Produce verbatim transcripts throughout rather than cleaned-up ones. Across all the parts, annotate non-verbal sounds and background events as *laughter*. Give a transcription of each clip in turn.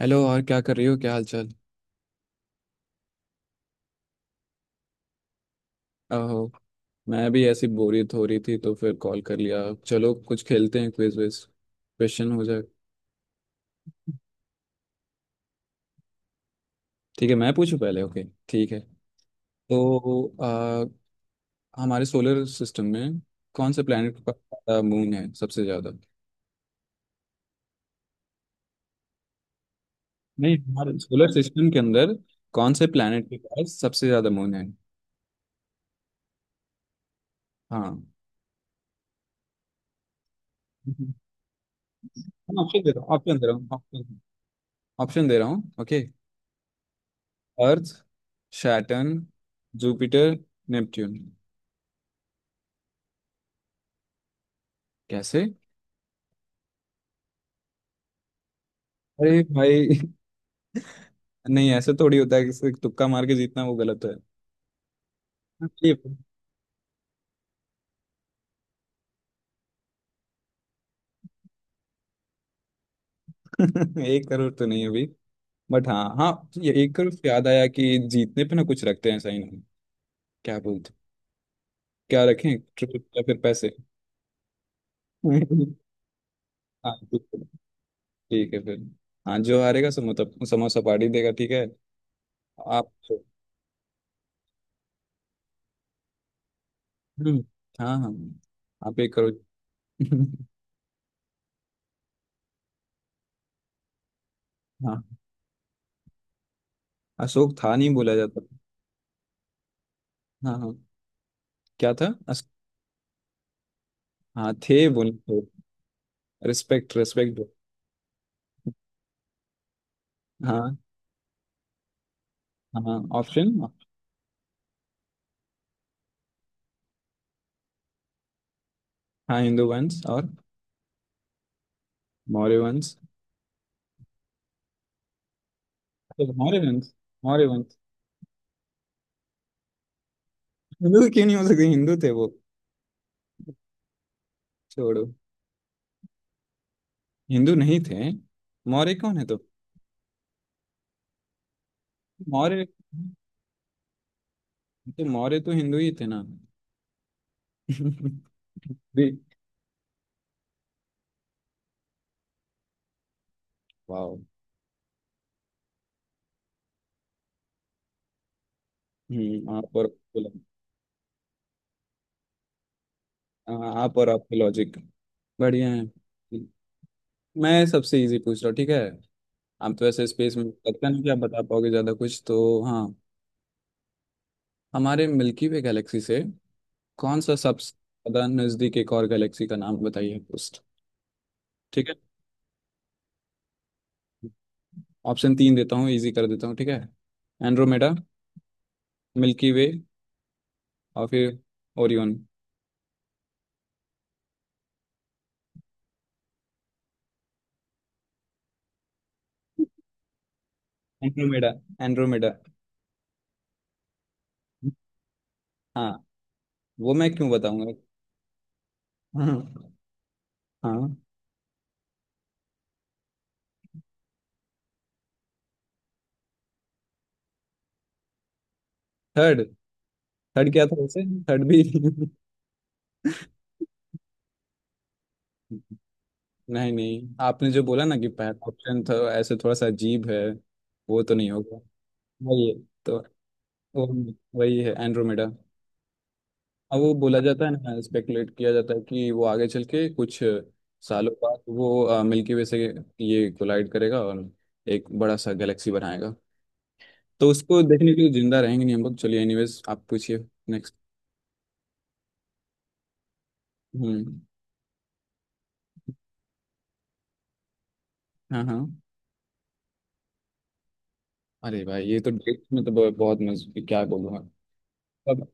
Hello. और क्या कर रही हो? क्या हाल चाल? आहो। मैं भी ऐसी बोरियत हो रही थी तो फिर कॉल कर लिया। चलो कुछ खेलते हैं, क्विज विज क्वेश्चन हो जाए। ठीक है, मैं पूछूं पहले। ओके, ठीक है। तो आ, हमारे सोलर सिस्टम में कौन से प्लैनेट के पास मून है सबसे ज्यादा? नहीं, हमारे सोलर सिस्टम के अंदर कौन से प्लैनेट के पास सबसे ज्यादा मून है? हाँ। ऑप्शन दे रहा हूँ, ऑप्शन दे रहा हूँ, ऑप्शन दे रहा हूँ, okay. Earth, Saturn, Jupiter, Neptune. कैसे? अरे भाई *laughs* नहीं, ऐसे थोड़ी होता है कि सिर्फ तुक्का मार के जीतना वो गलत है। ये। *laughs* एक करोड़ तो नहीं है अभी। बट हाँ हाँ, ये एक करोड़ से याद आया कि जीतने पे ना कुछ रखते हैं साइन हम। क्या बोलते? क्या रखें? ट्रिप या फिर पैसे? *laughs* हाँ, ठीक है। ठीक है फिर। हाँ, जो हारेगा सो मतलब समोसा पार्टी देगा, ठीक है। आप। हम्म, हाँ हाँ, आप एक करोड़। *laughs* हाँ। अशोक था नहीं बोला जाता। हाँ हाँ। क्या था अस, हाँ थे बोले। Respect respect. हाँ हाँ। ऑप्शन। हाँ, हिंदू वंश और मौर्य वंश। तो मौर्य वंश, मौर्य वंश। हिंदू तो क्यों नहीं हो सकते, हिंदू थे वो। छोड़ो। हिंदू नहीं थे। मौर्य कौन है तो? मौर्य। तो मौर्य तो हिंदू ही थे ना? *laughs* भी। वाओ। हम्म, आप और। आप और आपके लॉजिक बढ़िया है। मैं सबसे इजी पूछ रहा हूँ, ठीक है। आप तो ऐसे स्पेस में लगता नहीं कि आप बता पाओगे ज्यादा कुछ, तो हाँ। हमारे मिल्की वे गैलेक्सी से कौन सा सबसे ज्यादा नजदीक एक और गैलेक्सी का नाम बताइए दोस्त। ठीक है, ऑप्शन तीन देता हूँ, इजी कर देता हूँ, ठीक है। एंड्रोमेडा, मिल्की वे और फिर ओरियन। एंड्रोमेडा। एंड्रोमेडा। हाँ, वो मैं क्यों बताऊंगा। हाँ हाँ। थर्ड। थर्ड क्या था वैसे? थर्ड भी। *laughs* नहीं नहीं, आपने जो बोला ना कि पहला ऑप्शन था, ऐसे थोड़ा सा अजीब है। वो तो नहीं होगा। वही है। तो वो- वही है एंड्रोमेडा। अब वो बोला जाता है ना, स्पेकुलेट किया जाता है कि वो आगे चल के कुछ सालों बाद वो मिल्की वे से ये कोलाइड करेगा और एक बड़ा सा गैलेक्सी बनाएगा। तो उसको देखने के लिए जिंदा रहेंगे नहीं हम लोग। चलिए एनीवेज, आप पूछिए नेक्स्ट। हम्म। हाँ हाँ। अरे भाई, ये तो डेट में तो ब- बहुत मज, क्या बोलूँगा। अब,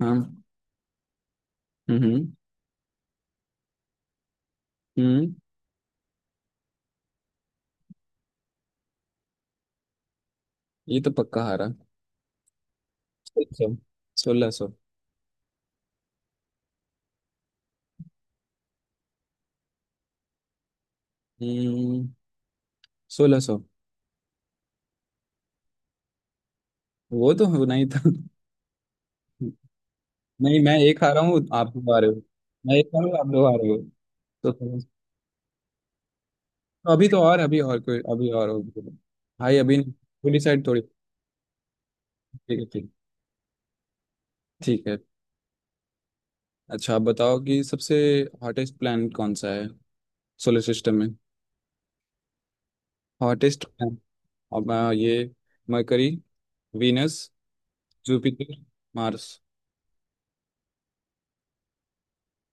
हाँ। हम्म हम्म। ये तो पक्का हारा। सोलह सौ, सोलह सौ। हम्म। सोलह सौ। वो तो होना ही था। नहीं, मैं एक हारा हूँ आप दो हारे हो। मैं एक हारा हूँ आप दो हारे हो। तो तो अभी तो, और अभी और कोई अभी और होगी। भाई अभी पूरी साइड थोड़ी। ठीक है, ठीक, ठीक है। अच्छा, आप बताओ कि सबसे हॉटेस्ट प्लैनेट कौन सा है सोलर सिस्टम में? Hottest planet? अब आ, ये Mercury, Venus, Jupiter, Mars.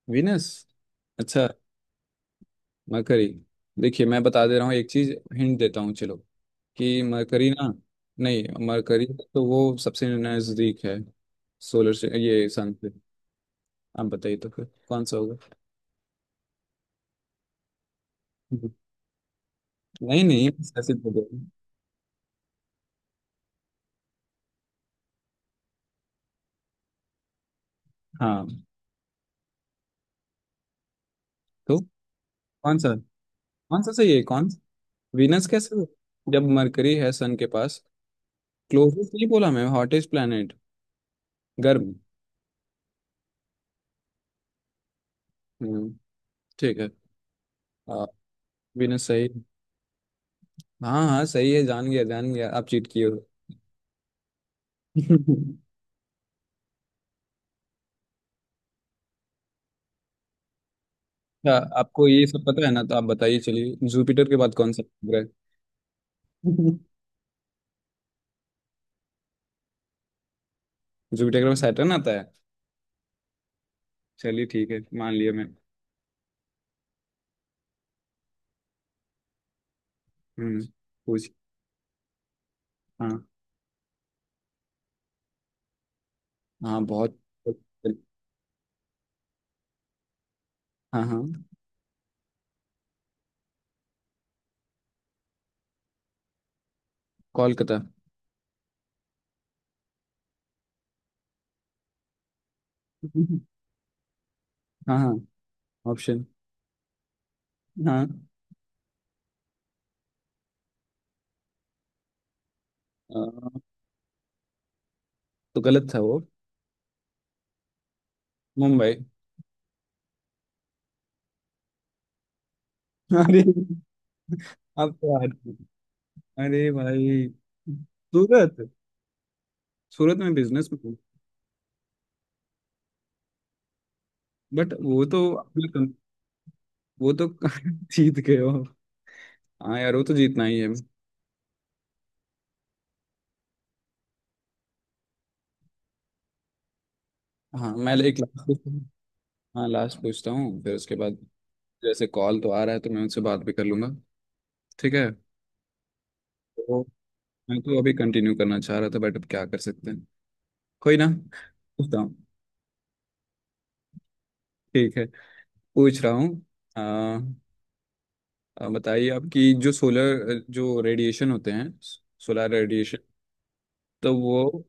Venus, अच्छा। मरकरी। देखिए मैं बता दे रहा हूँ एक चीज, हिंट देता हूँ चलो। कि मरकरी ना, नहीं मरकरी तो वो सबसे नजदीक है सोलर से, ये सन से। आप बताइए तो फिर कौन सा होगा? नहीं नहीं, ऐसे तो बोलो। हाँ तो कौन सा? कौन सा सही है कौन सा? वीनस कैसे हो? जब मरकरी है सन के पास, क्लोजेस्ट नहीं बोला मैं, हॉटेस्ट प्लेनेट, गर्म। हम्म, ठीक है। आ, वीनस सही। हाँ हाँ सही है, जान गया जान गया आप चीट किए हो। *laughs* अच्छा आपको ये सब पता है ना, तो आप बताइए, चलिए जुपिटर के बाद कौन सा ग्रह है? *laughs* जुपिटर के बाद सैटर्न आता है। चलिए ठीक है मान लिया मैं। हम्म, पूछ। हाँ हाँ बहुत। *laughs* हाँ हाँ, कोलकाता। *laughs* हाँ हाँ, ऑप्शन। हाँ। अ, तो गलत था वो। मुंबई। *laughs* अरे, अब तो हट। अरे भाई सूरत, सूरत में बिजनेस में। बट वो तो अपना कम- वो तो *laughs* जीत गए हो। हाँ यार, वो तो जीतना ही है। हाँ मैं एक लाख। हाँ, लास्ट पूछता हूँ फिर उसके बाद जैसे कॉल तो आ रहा है तो मैं उनसे बात भी कर लूंगा। ठीक है। तो मैं तो अभी कंटिन्यू करना चाह रहा था बट अब क्या कर सकते हैं, कोई ना। पूछता हूँ। ठीक है पूछ रहा हूँ। आ, आ, बताइए, आपकी जो सोलर जो रेडिएशन होते हैं, सोलर रेडिएशन तो वो,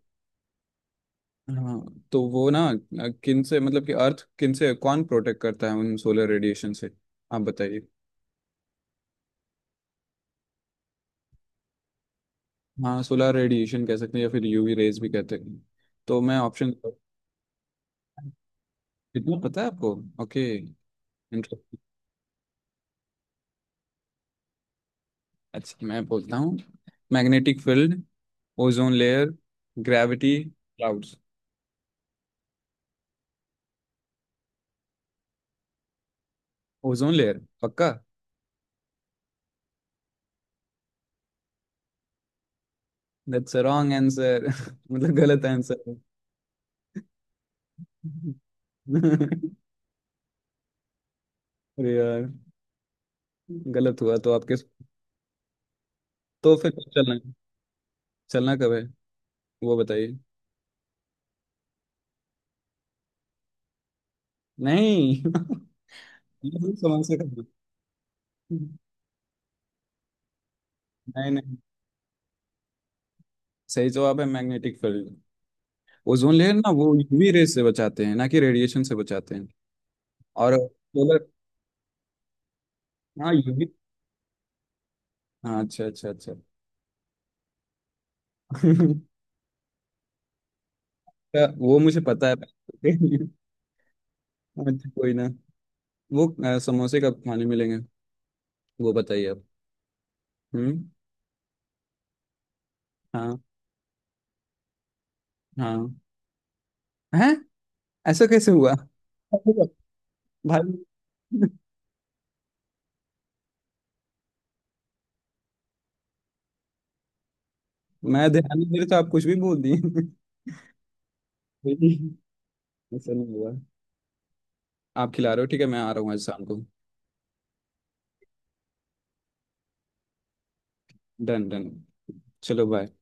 हाँ तो वो ना अ, किन से, मतलब कि अर्थ किन से, कौन प्रोटेक्ट करता है उन सोलर रेडिएशन से? आप बताइए। हाँ, सोलर रेडिएशन कह सकते हैं या फिर यूवी रेज भी कहते हैं। तो मैं ऑप्शन, कितना पता है आपको, ओके। इंटरेस्टिंग। अच्छा मैं बोलता हूँ। Magnetic field, ozone layer, gravity clouds. Ozone layer पक्का? दैट्स अ रॉन्ग आंसर *laughs* मतलब गलत आंसर है। *laughs* अरे यार, गलत हुआ तो आपके? तो फिर कब चलना है? चलना कब है, वो बताइए। नहीं। *laughs* ये तो समझ से करना। नहीं नहीं, सही जवाब है मैग्नेटिक फील्ड। ओजोन लेयर ना वो यूवी रेस से बचाते हैं ना कि रेडिएशन से बचाते हैं। और सोलर। हाँ ये भी। हाँ अच्छा अच्छा अच्छा। *laughs* क्या- वो मुझे पता है। अच्छा कोई ना, वो अ, समोसे कब खाने मिलेंगे, वो बताइए आप। हम्म। हाँ हाँ हैं। ऐसा कैसे हुआ? भाई मैं ध्यान नहीं दे रहा तो आप कुछ भी बोल दिए। *laughs* ऐसा नहीं हुआ। आप खिला रहे हो, ठीक है मैं आ रहा हूँ आज शाम को। Done done. चलो बाय।